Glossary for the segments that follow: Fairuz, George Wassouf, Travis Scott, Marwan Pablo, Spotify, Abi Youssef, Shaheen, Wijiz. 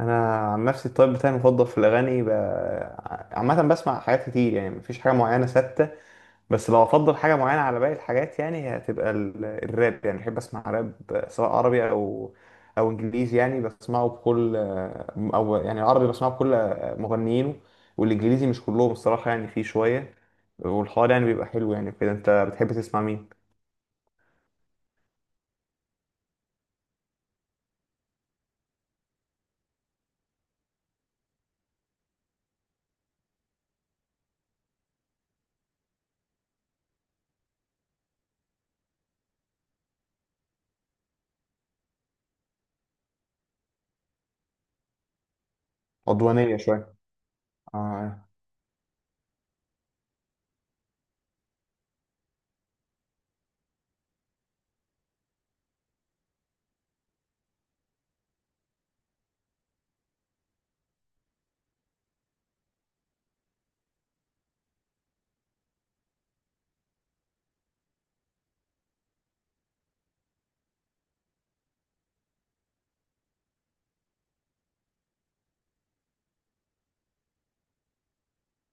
انا عن نفسي الطيب بتاعي المفضل في الاغاني عامه بسمع حاجات كتير، يعني مفيش حاجه معينه ثابته. بس لو افضل حاجه معينه على باقي الحاجات، يعني هي هتبقى الراب، يعني بحب اسمع راب سواء عربي او انجليزي، يعني بسمعه بكل، او يعني العربي بسمعه بكل مغنيينه، والانجليزي مش كلهم الصراحه، يعني فيه شويه. والحوار يعني بيبقى حلو، يعني كده انت بتحب تسمع مين؟ عدوانيه شويه. اه.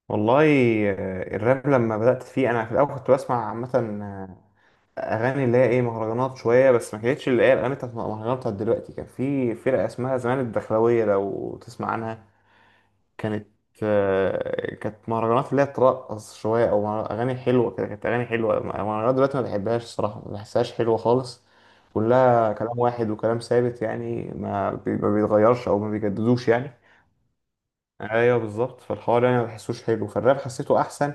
والله، آه، الراب لما بدأت فيه أنا في الأول كنت بسمع عامة اغاني اللي هي ايه، مهرجانات شويه، بس ما كانتش اللي هي الاغاني بتاعت المهرجانات بتاعت دلوقتي. كان في فرقه اسمها زمان الدخلاويه، لو تسمع عنها. كانت، آه، كانت مهرجانات اللي هي ترقص شويه، او اغاني حلوه كده، كانت اغاني حلوه. مهرجانات دلوقتي ما بحبهاش الصراحه، ما بحسهاش حلوه خالص، كلها كلام واحد وكلام ثابت، يعني ما بيتغيرش او ما بيجددوش يعني. ايوه بالظبط، فالحوار يعني ما بحسوش حلو، فالراب حسيته احسن،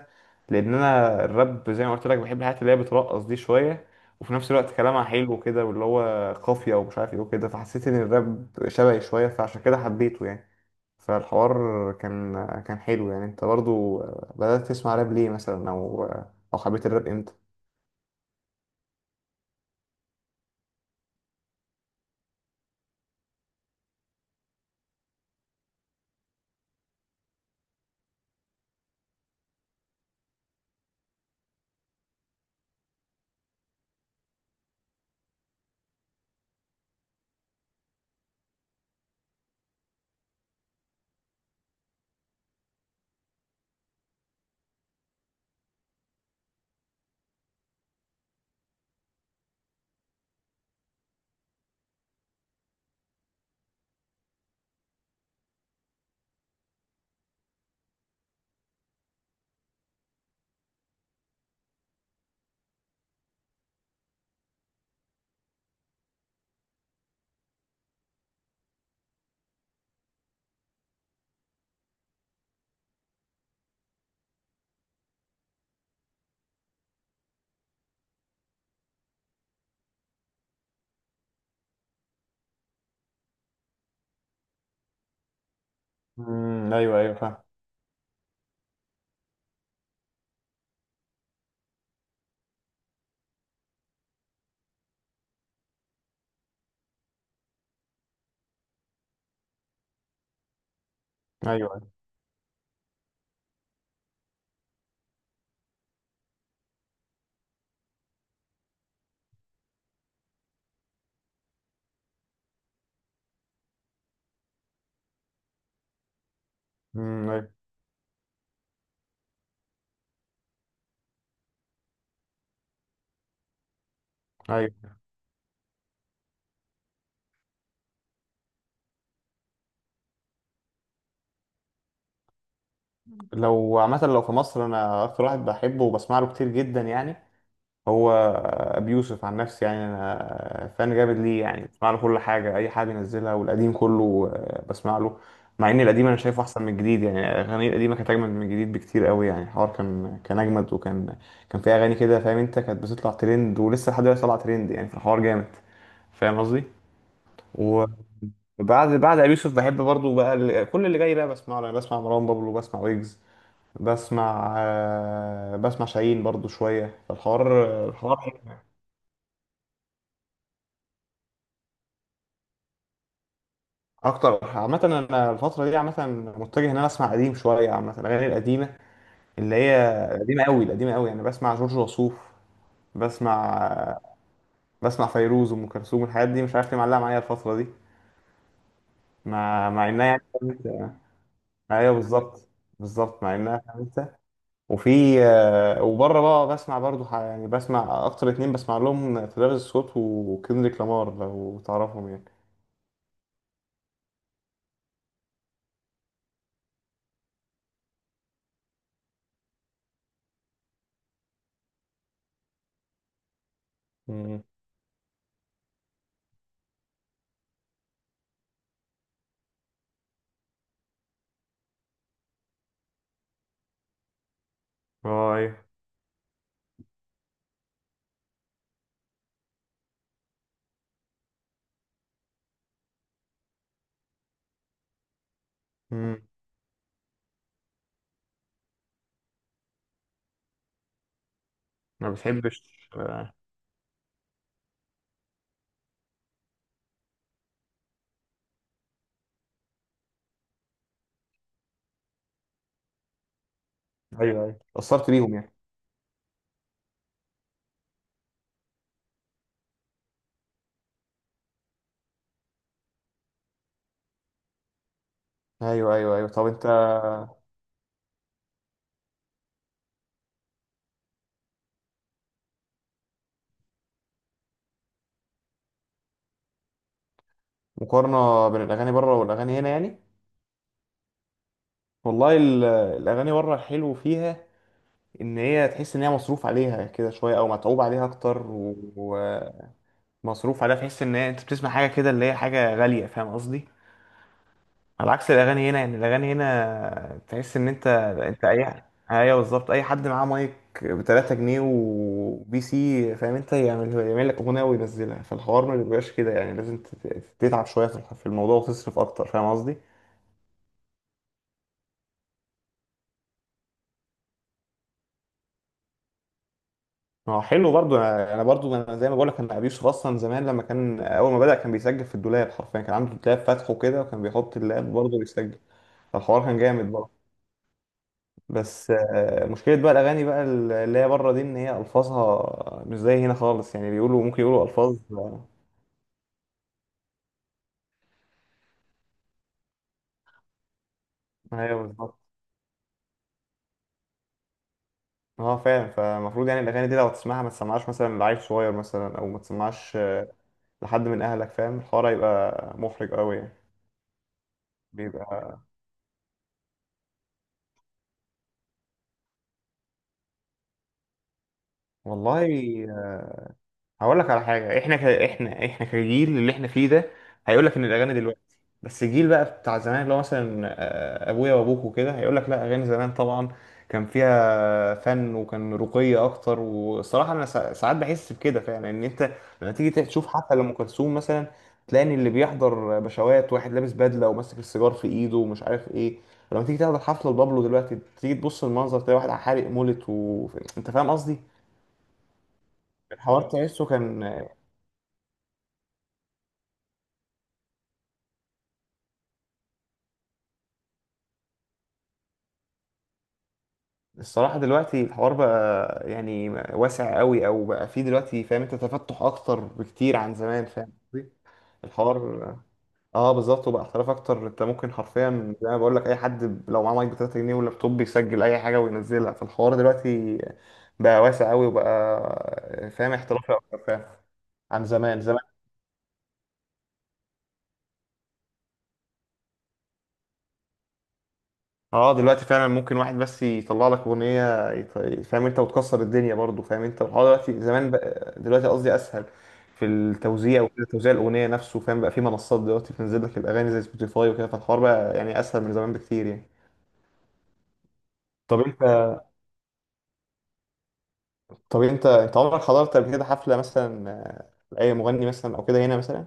لان انا الراب زي ما قلت لك بحب الحاجات اللي هي بترقص دي شويه، وفي نفس الوقت كلامها حلو كده، واللي هو قافيه ومش عارف ايه وكده، فحسيت ان الراب شبهي شويه، فعشان كده حبيته يعني. فالحوار كان كان حلو. يعني انت برضو بدأت تسمع راب ليه، مثلا، او او حبيت الراب امتى؟ ايوه، ايوه فاهم. ايوه. ايوه. ايوه، لو عامه، لو في مصر، انا اكتر واحد بحبه وبسمع له كتير جدا يعني، هو ابي يوسف. عن نفسي يعني انا فان جامد ليه، يعني بسمع له كل حاجه، اي حاجه بينزلها، والقديم كله آه، بسمع له. مع ان القديم انا شايفه احسن من الجديد، يعني الاغاني القديمه كانت اجمل من الجديد بكتير قوي، يعني الحوار كان اجمد، وكان كان في اغاني كده فاهم انت، كانت بتطلع ترند ولسه لحد دلوقتي طالعه ترند، يعني في الحوار جامد، فاهم قصدي. وبعد، بعد ابي يوسف، بحب برضو بقى كل اللي جاي بقى بسمعه، يعني بسمع مروان بابلو، بسمع ويجز، بسمع آه، بسمع شاهين برضو شويه. فالحوار، الحوار اكتر عامه، انا الفتره دي عامه متجه ان انا اسمع قديم شويه، عامه الاغاني القديمه اللي هي قديمه قوي، القديمه قوي، يعني بسمع جورج وسوف، بسمع، بسمع فيروز وام كلثوم، الحاجات دي مش عارف ليه معلقه معايا الفتره دي، مع انها يعني ايوه بالظبط. بالظبط، مع انها خمسه، وفي، آه، وبره بقى بسمع برضو يعني بسمع اكتر اتنين، بسمع لهم ترافيس سكوت وكندريك لامار، لو تعرفهم يعني. مم. اه ايوه. مم. ما بتحبش آه، ايوه ايوه، اتأثرت بيهم يعني. ايوه ايوه ايوه. طب انت، مقارنه بين الاغاني بره والاغاني هنا يعني؟ والله، الاغاني بره الحلو فيها ان هي تحس ان هي مصروف عليها كده شويه، او متعوب عليها اكتر، و- ومصروف عليها، تحس ان هي انت بتسمع حاجه كده اللي هي حاجه غاليه، فاهم قصدي؟ على عكس الاغاني هنا، يعني الاغاني هنا تحس ان انت انت اي، ايوه بالظبط، اي حد معاه مايك ب 3 جنيه وبي سي، فاهم انت، يعمل يعمل لك اغنيه وينزلها، فالحوار ما بيبقاش كده، يعني لازم تتعب شويه في في الموضوع، وتصرف اكتر، فاهم قصدي. ما هو حلو برضو، انا أنا برضو انا زي ما بقول لك، انا ابي يوسف اصلا زمان لما كان اول ما بدأ كان بيسجل في الدولاب حرفيا، كان عنده دولاب فاتحه كده وكان بيحط اللاب برضه بيسجل، الحوار كان جامد برضه. بس آه، مشكلة بقى الاغاني بقى اللي هي بره دي، ان هي الفاظها مش زي هنا خالص، يعني بيقولوا ممكن يقولوا الفاظ آه، ايوه بالظبط. اه فعلا، فالمفروض يعني الاغاني دي لو تسمعها ما تسمعهاش مثلا لعيل صغير مثلا، او ما تسمعهاش آه، لحد من اهلك، فاهم، الحوار هيبقى محرج قوي يعني. بيبقى، والله، هقول لك على حاجه. احنا احنا كجيل اللي احنا فيه ده هيقول لك ان الاغاني دلوقتي، بس الجيل بقى بتاع زمان اللي هو مثلا آه، ابويا وابوك وكده هيقول لك لا، اغاني زمان طبعا كان فيها فن وكان رقي اكتر. والصراحه انا ساعات بحس بكده فعلا، ان انت لما تيجي تشوف حفله لام كلثوم مثلا، تلاقي ان اللي بيحضر بشوات، واحد لابس بدله وماسك السيجار في ايده ومش عارف ايه، لما تيجي تحضر حفله لبابلو دلوقتي تيجي تبص المنظر تلاقي واحد حارق مولت و... انت فاهم قصدي. الحوار تحسه كان، الصراحة دلوقتي الحوار بقى يعني واسع قوي، او بقى فيه دلوقتي فاهم انت، تفتح اكتر بكتير عن زمان، فاهم قصدي؟ الحوار، اه بالظبط، وبقى احتراف اكتر، انت ممكن حرفيا زي ما بقول لك اي حد لو معاه مايك ب 3 جنيه ولابتوب بيسجل اي حاجة وينزلها، فالحوار دلوقتي بقى واسع قوي، وبقى فاهم احترافي اكتر، فاهم، عن زمان. زمان اه، دلوقتي فعلا ممكن واحد بس يطلع لك اغنيه، فاهم انت، وتكسر الدنيا برضو، فاهم انت. الحوار دلوقتي زمان، بقى دلوقتي قصدي، اسهل في التوزيع وكده، توزيع الاغنيه نفسه، فاهم بقى في منصات دلوقتي بتنزل لك الاغاني زي سبوتيفاي وكده، فالحوار بقى يعني اسهل من زمان بكتير يعني. طب انت طب انت عمرك حضرت قبل كده حفله مثلا آه، لاي مغني مثلا او كده هنا مثلا؟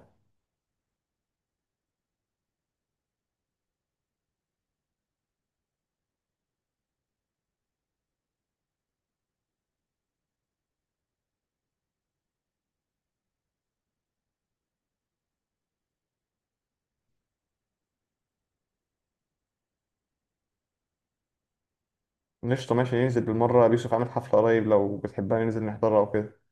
قشطه ماشي، ننزل بالمره، يوسف عامل حفله قريب، لو بتحبها ننزل نحضرها او كده.